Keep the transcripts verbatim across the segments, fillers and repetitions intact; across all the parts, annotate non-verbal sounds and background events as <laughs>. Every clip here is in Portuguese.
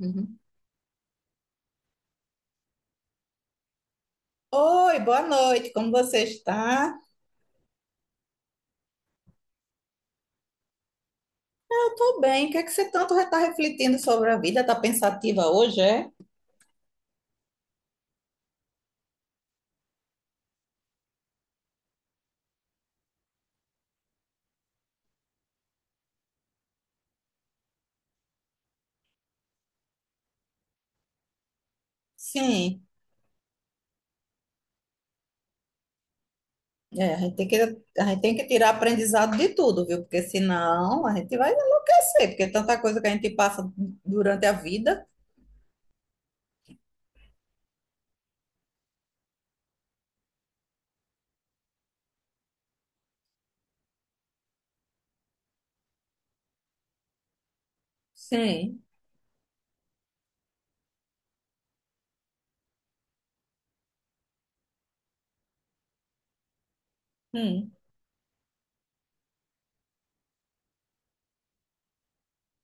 Uhum. Oi, boa noite, como você está? Eu estou bem, o que é que você tanto está refletindo sobre a vida? Está pensativa hoje, é? Sim, é, a gente tem que, a gente tem que tirar aprendizado de tudo, viu? Porque senão a gente vai enlouquecer, porque é tanta coisa que a gente passa durante a vida. Sim, hum,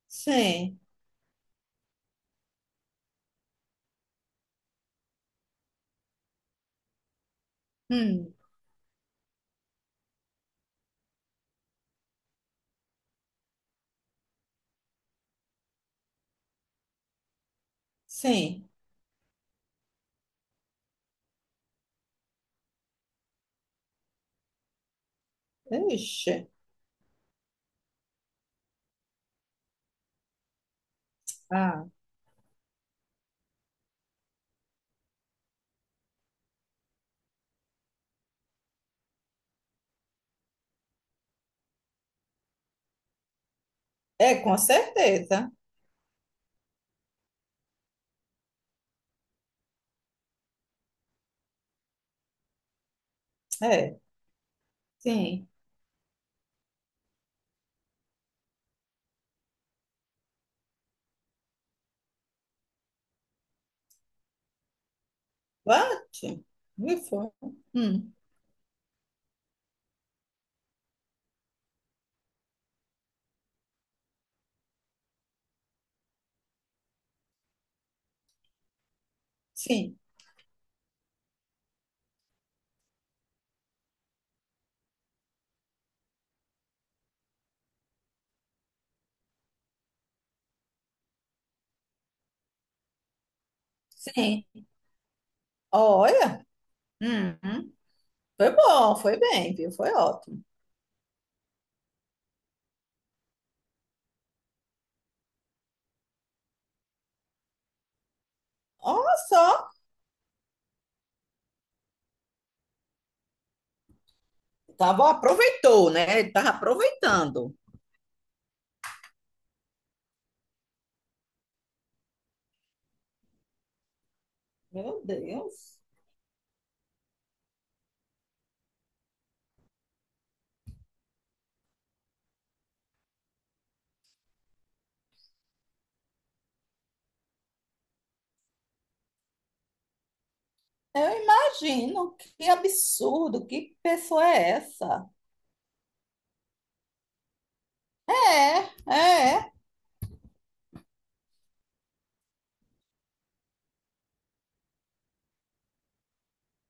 sim, hum, sim. Ixi, ah, é, com certeza, é, sim. Bate, me foi, hum, sim, sim. Olha. Uhum. Foi bom, foi bem, viu? Foi ótimo. Olha só, tava, aproveitou, né? Ele tava aproveitando. Meu Deus. Eu imagino, que absurdo, que pessoa é essa? É, é,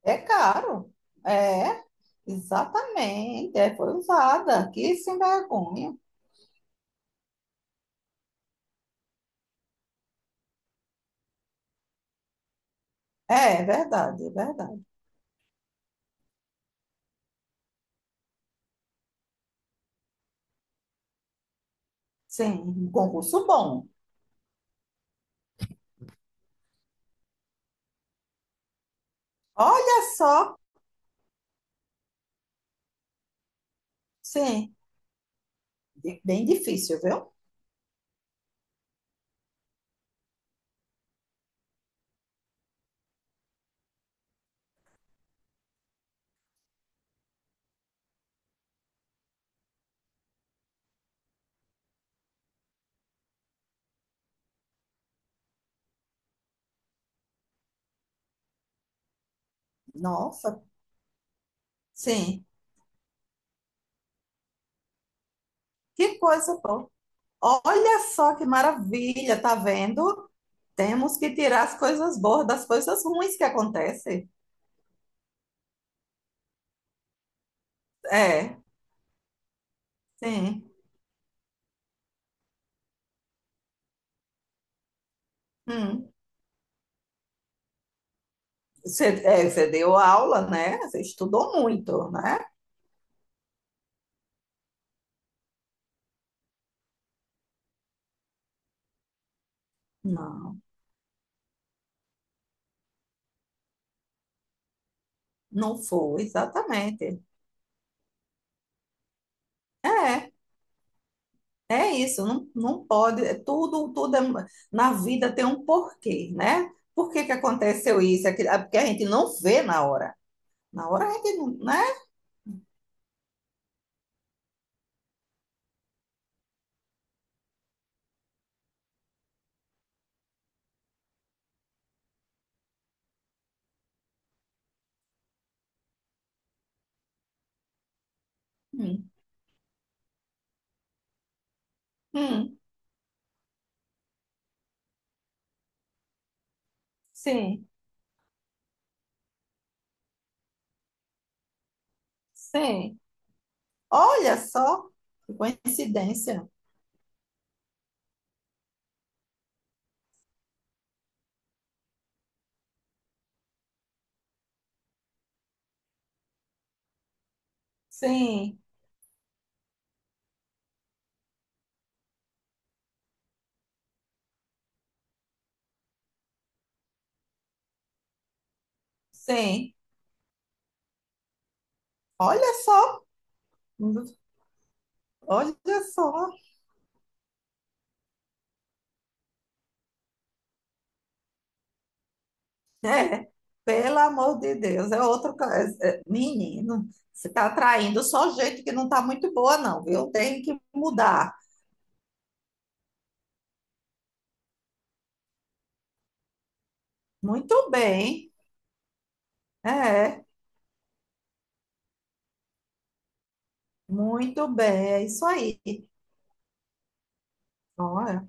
é caro. É, exatamente. É, foi usada. Que sem vergonha. É, é verdade, é verdade. Sim, um concurso bom. Olha só, sim, bem difícil, viu? Nossa, sim, que coisa boa. Olha só, que maravilha, tá vendo? Temos que tirar as coisas boas das coisas ruins que acontecem. É, sim. Hum. Você, é, você deu aula, né? Você estudou muito, né? Não, não foi, exatamente. É, é isso, não, não pode. é Tudo, tudo é- na vida tem um porquê, né? Por que que aconteceu isso? É que- é porque a gente não vê na hora. Na hora a gente não, né? Hum, hum, sim, sim. Olha só, que coincidência. Sim, sim. Olha só, olha só. É, pelo amor de Deus, é outro ca- é, é, menino. Você está atraindo só gente que não está muito boa, não, viu? Tem que mudar. Muito bem, é, muito bem, é isso aí. Olha,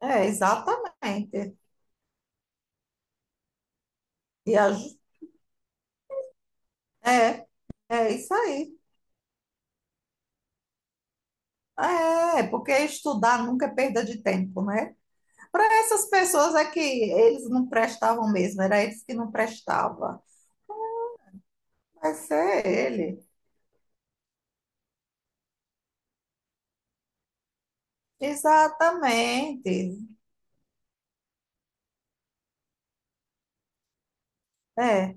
é, exatamente. E a ju- é, é isso aí. É, porque estudar nunca é perda de tempo, né? Para essas pessoas é que eles não prestavam mesmo, era eles que não prestavam. Vai ser ele. Exatamente. É,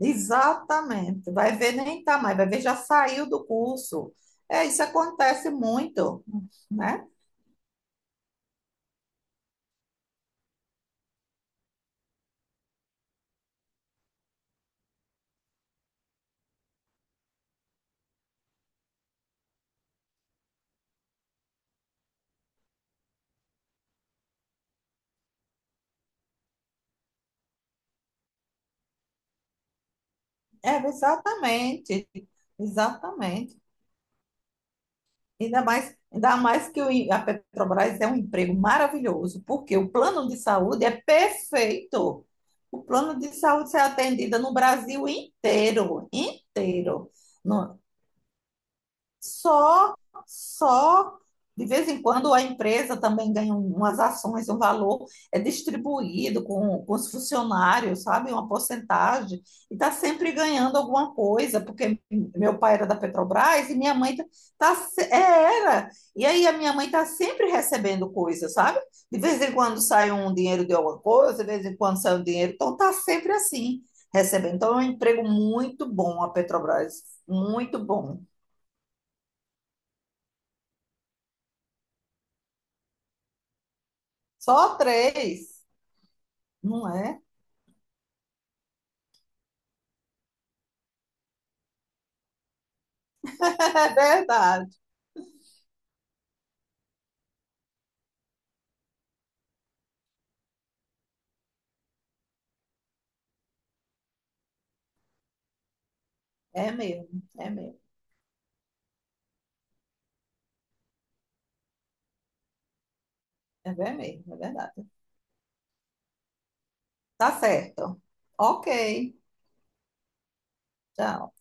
exatamente. Vai ver nem tá mais, vai ver já saiu do curso. É, isso acontece muito, né? É, exatamente. Exatamente. Ainda mais, ainda mais que o- a Petrobras é um emprego maravilhoso, porque o plano de saúde é perfeito. O plano de saúde é atendida no Brasil inteiro, inteiro. No- só, só de vez em quando a empresa também ganha um, umas ações, um valor é distribuído com, com os funcionários, sabe? Uma porcentagem, e está sempre ganhando alguma coisa, porque meu pai era da Petrobras e minha mãe tá, tá se- é, era. E aí a minha mãe está sempre recebendo coisa, sabe? De vez em quando sai um dinheiro de alguma coisa, de vez em quando sai um dinheiro, então está sempre assim, recebendo. Então é um emprego muito bom a Petrobras, muito bom. Só três? Não é? <laughs> É verdade. É mesmo, é mesmo. É ver- mesmo, é verdade. Tá certo. Ok. Tchau.